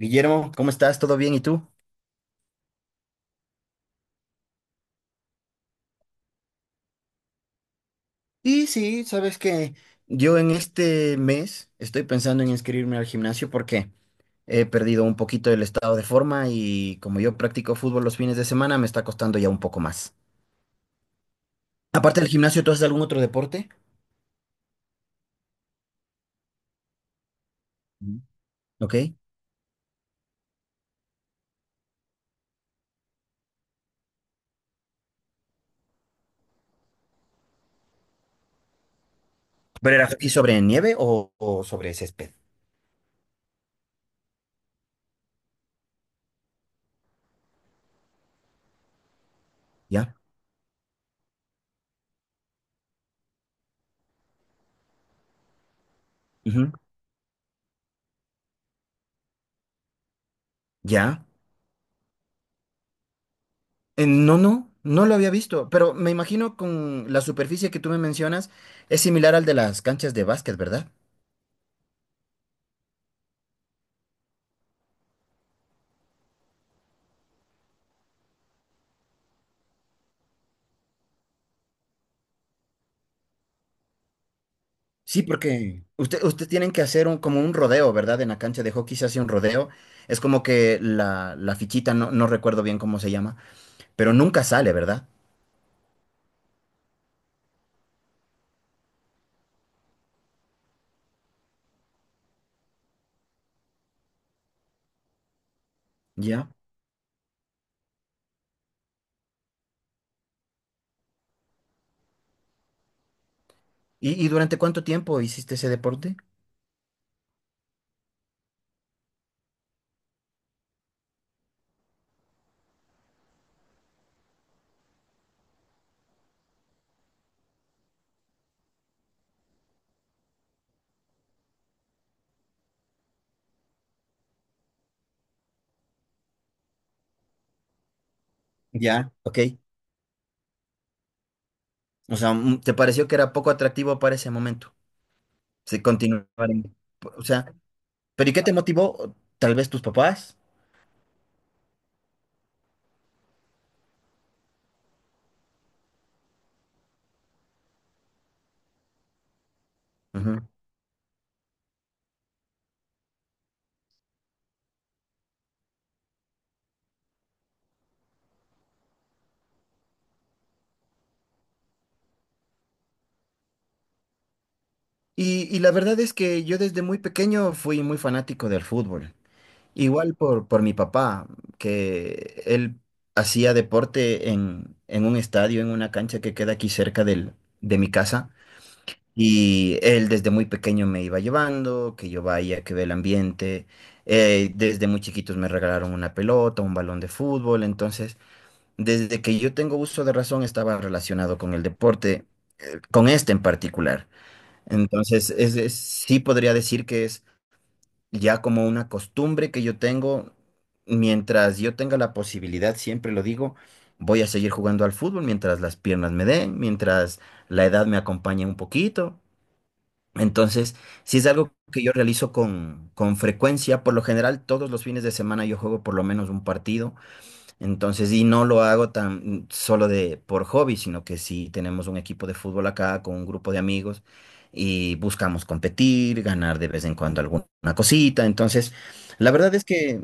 Guillermo, ¿cómo estás? ¿Todo bien? ¿Y tú? Y sí, sabes que yo en este mes estoy pensando en inscribirme al gimnasio porque he perdido un poquito el estado de forma y como yo practico fútbol los fines de semana, me está costando ya un poco más. Aparte del gimnasio, ¿tú haces algún otro deporte? Ujú. Ok. ¿Pero era aquí sobre nieve o sobre césped? ¿Ya? Ujú. ¿Ya? No, no, no lo había visto, pero me imagino con la superficie que tú me mencionas es similar al de las canchas de básquet, ¿verdad? Sí, porque usted tienen que hacer un, como un rodeo, ¿verdad? En la cancha de hockey se hace un rodeo. Es como que la fichita, no recuerdo bien cómo se llama, pero nunca sale, ¿verdad? Ya. ¿Y durante cuánto tiempo hiciste ese deporte? Ya. Ok. O sea, ¿te pareció que era poco atractivo para ese momento? Sí, continuar. O sea, ¿pero y qué te motivó? Tal vez tus papás. Ujú. Y la verdad es que yo desde muy pequeño fui muy fanático del fútbol. Igual por mi papá, que él hacía deporte en un estadio, en una cancha que queda aquí cerca de mi casa. Y él desde muy pequeño me iba llevando, que yo vaya, que ve el ambiente. Desde muy chiquitos me regalaron una pelota, un balón de fútbol. Entonces, desde que yo tengo uso de razón, estaba relacionado con el deporte, con este en particular. Entonces, sí podría decir que es ya como una costumbre que yo tengo, mientras yo tenga la posibilidad, siempre lo digo, voy a seguir jugando al fútbol mientras las piernas me den, mientras la edad me acompañe un poquito. Entonces, si es algo que yo realizo con frecuencia, por lo general todos los fines de semana yo juego por lo menos un partido entonces, y no lo hago tan solo de por hobby, sino que sí tenemos un equipo de fútbol acá con un grupo de amigos y buscamos competir, ganar de vez en cuando alguna cosita. Entonces, la verdad es que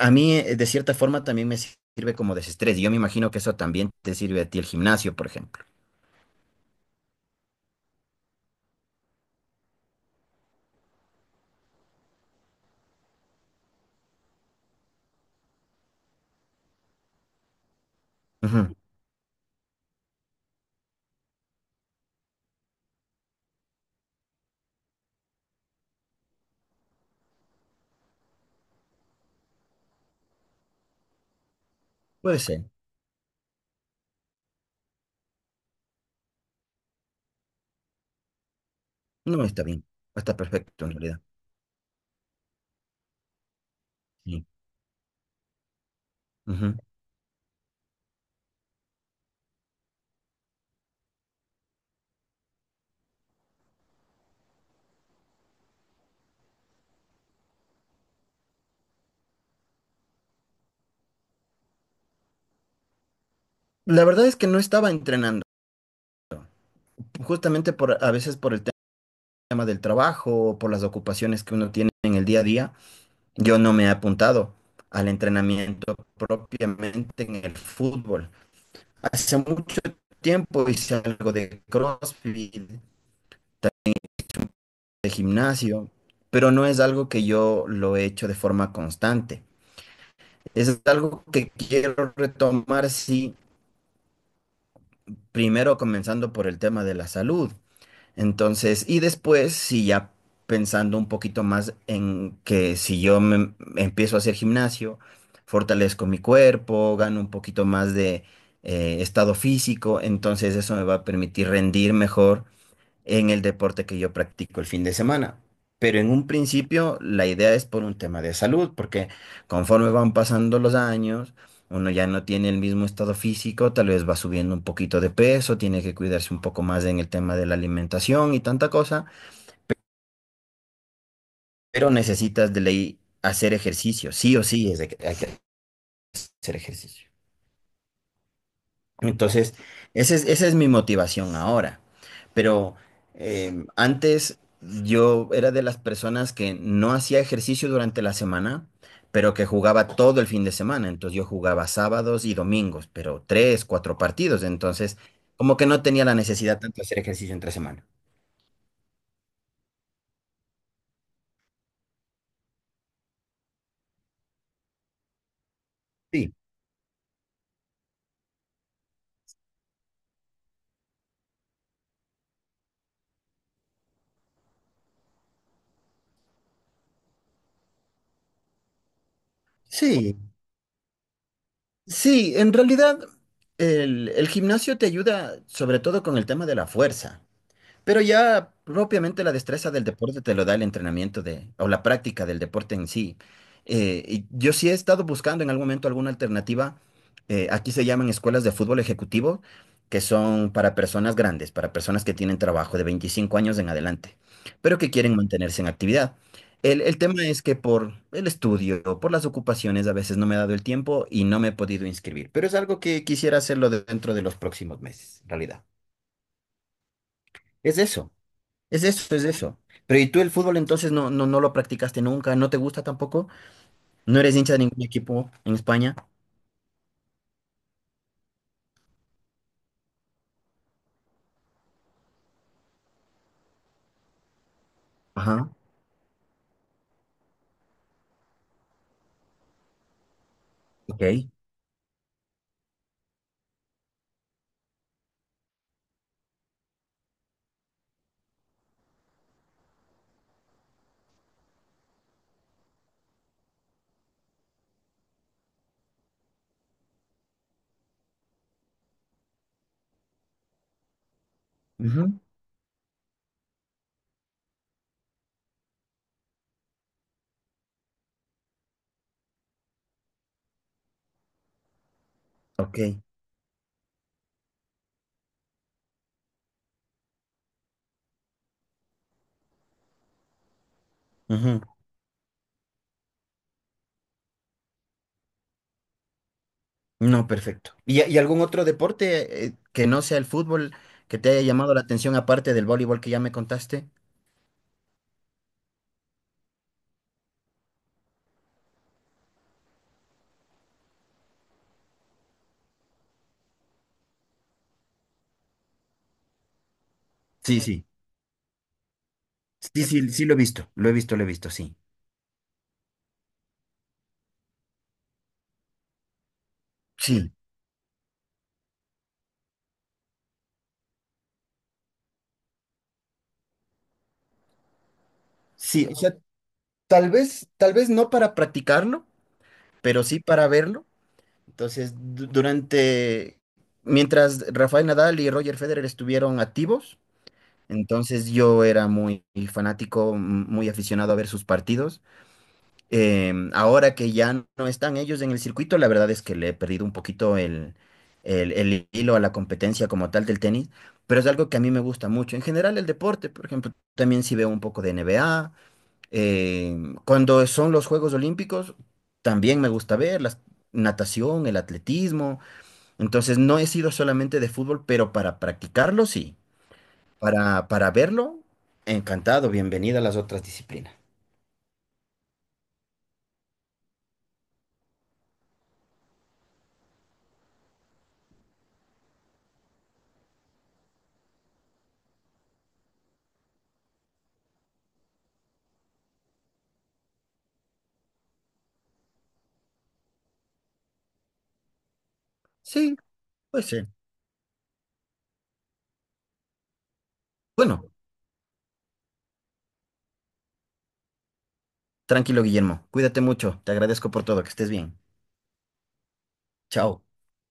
a mí de cierta forma también me sirve como desestrés. Y yo me imagino que eso también te sirve a ti el gimnasio, por ejemplo. Ujú. Puede ser. No está bien. No, está perfecto en realidad. Sí. Ujú. La verdad es que no estaba entrenando, justamente por a veces por el tema del trabajo, por las ocupaciones que uno tiene en el día a día, yo no me he apuntado al entrenamiento propiamente en el fútbol. Hace mucho tiempo hice algo de CrossFit, de gimnasio, pero no es algo que yo lo he hecho de forma constante. Es algo que quiero retomar, sí, primero comenzando por el tema de la salud. Entonces, y después, sí, ya pensando un poquito más en que si yo me, empiezo a hacer gimnasio, fortalezco mi cuerpo, gano un poquito más de estado físico, entonces eso me va a permitir rendir mejor en el deporte que yo practico el fin de semana. Pero en un principio la idea es por un tema de salud, porque conforme van pasando los años, uno ya no tiene el mismo estado físico, tal vez va subiendo un poquito de peso, tiene que cuidarse un poco más en el tema de la alimentación y tanta cosa, pero necesitas de ley hacer ejercicio, sí o sí es de que hay que hacer ejercicio. Entonces, esa es mi motivación ahora. Pero antes yo era de las personas que no hacía ejercicio durante la semana, pero que jugaba todo el fin de semana. Entonces yo jugaba sábados y domingos, pero tres, cuatro partidos. Entonces, como que no tenía la necesidad tanto de hacer ejercicio entre semana. Sí. Sí, sí, en realidad el gimnasio te ayuda sobre todo con el tema de la fuerza. Pero ya propiamente la destreza del deporte te lo da el entrenamiento de, o la práctica del deporte en sí. Y yo sí he estado buscando en algún momento alguna alternativa. Aquí se llaman escuelas de fútbol ejecutivo, que son para personas grandes, para personas que tienen trabajo de 25 años en adelante, pero que quieren mantenerse en actividad. El tema es que por el estudio, por las ocupaciones, a veces no me he dado el tiempo y no me he podido inscribir, pero es algo que quisiera hacerlo dentro de los próximos meses, en realidad. Es eso. Es eso, es eso. Pero ¿y tú el fútbol entonces no lo practicaste nunca? ¿No te gusta tampoco? ¿No eres hincha de ningún equipo en España? Ajá. Ok. Ujú. Ok. Ujú. No, perfecto. ¿Y algún otro deporte que no sea el fútbol que te haya llamado la atención aparte del voleibol que ya me contaste? Sí, sí. Sí, sí, sí lo he visto. Lo he visto, lo he visto, sí. Sí, sí. O sea, tal vez no para practicarlo, pero sí para verlo. Entonces, durante, mientras Rafael Nadal y Roger Federer estuvieron activos, entonces yo era muy fanático, muy aficionado a ver sus partidos. Ahora que ya no están ellos en el circuito, la verdad es que le he perdido un poquito el hilo a la competencia como tal del tenis, pero es algo que a mí me gusta mucho. En general, el deporte, por ejemplo, también sí veo un poco de NBA. Cuando son los Juegos Olímpicos, también me gusta ver las natación, el atletismo. Entonces no he sido solamente de fútbol, pero para practicarlo sí. Para verlo, encantado, bienvenida a las otras disciplinas. Sí, pues sí. Bueno, tranquilo, Guillermo. Cuídate mucho. Te agradezco por todo. Que estés bien. Chao.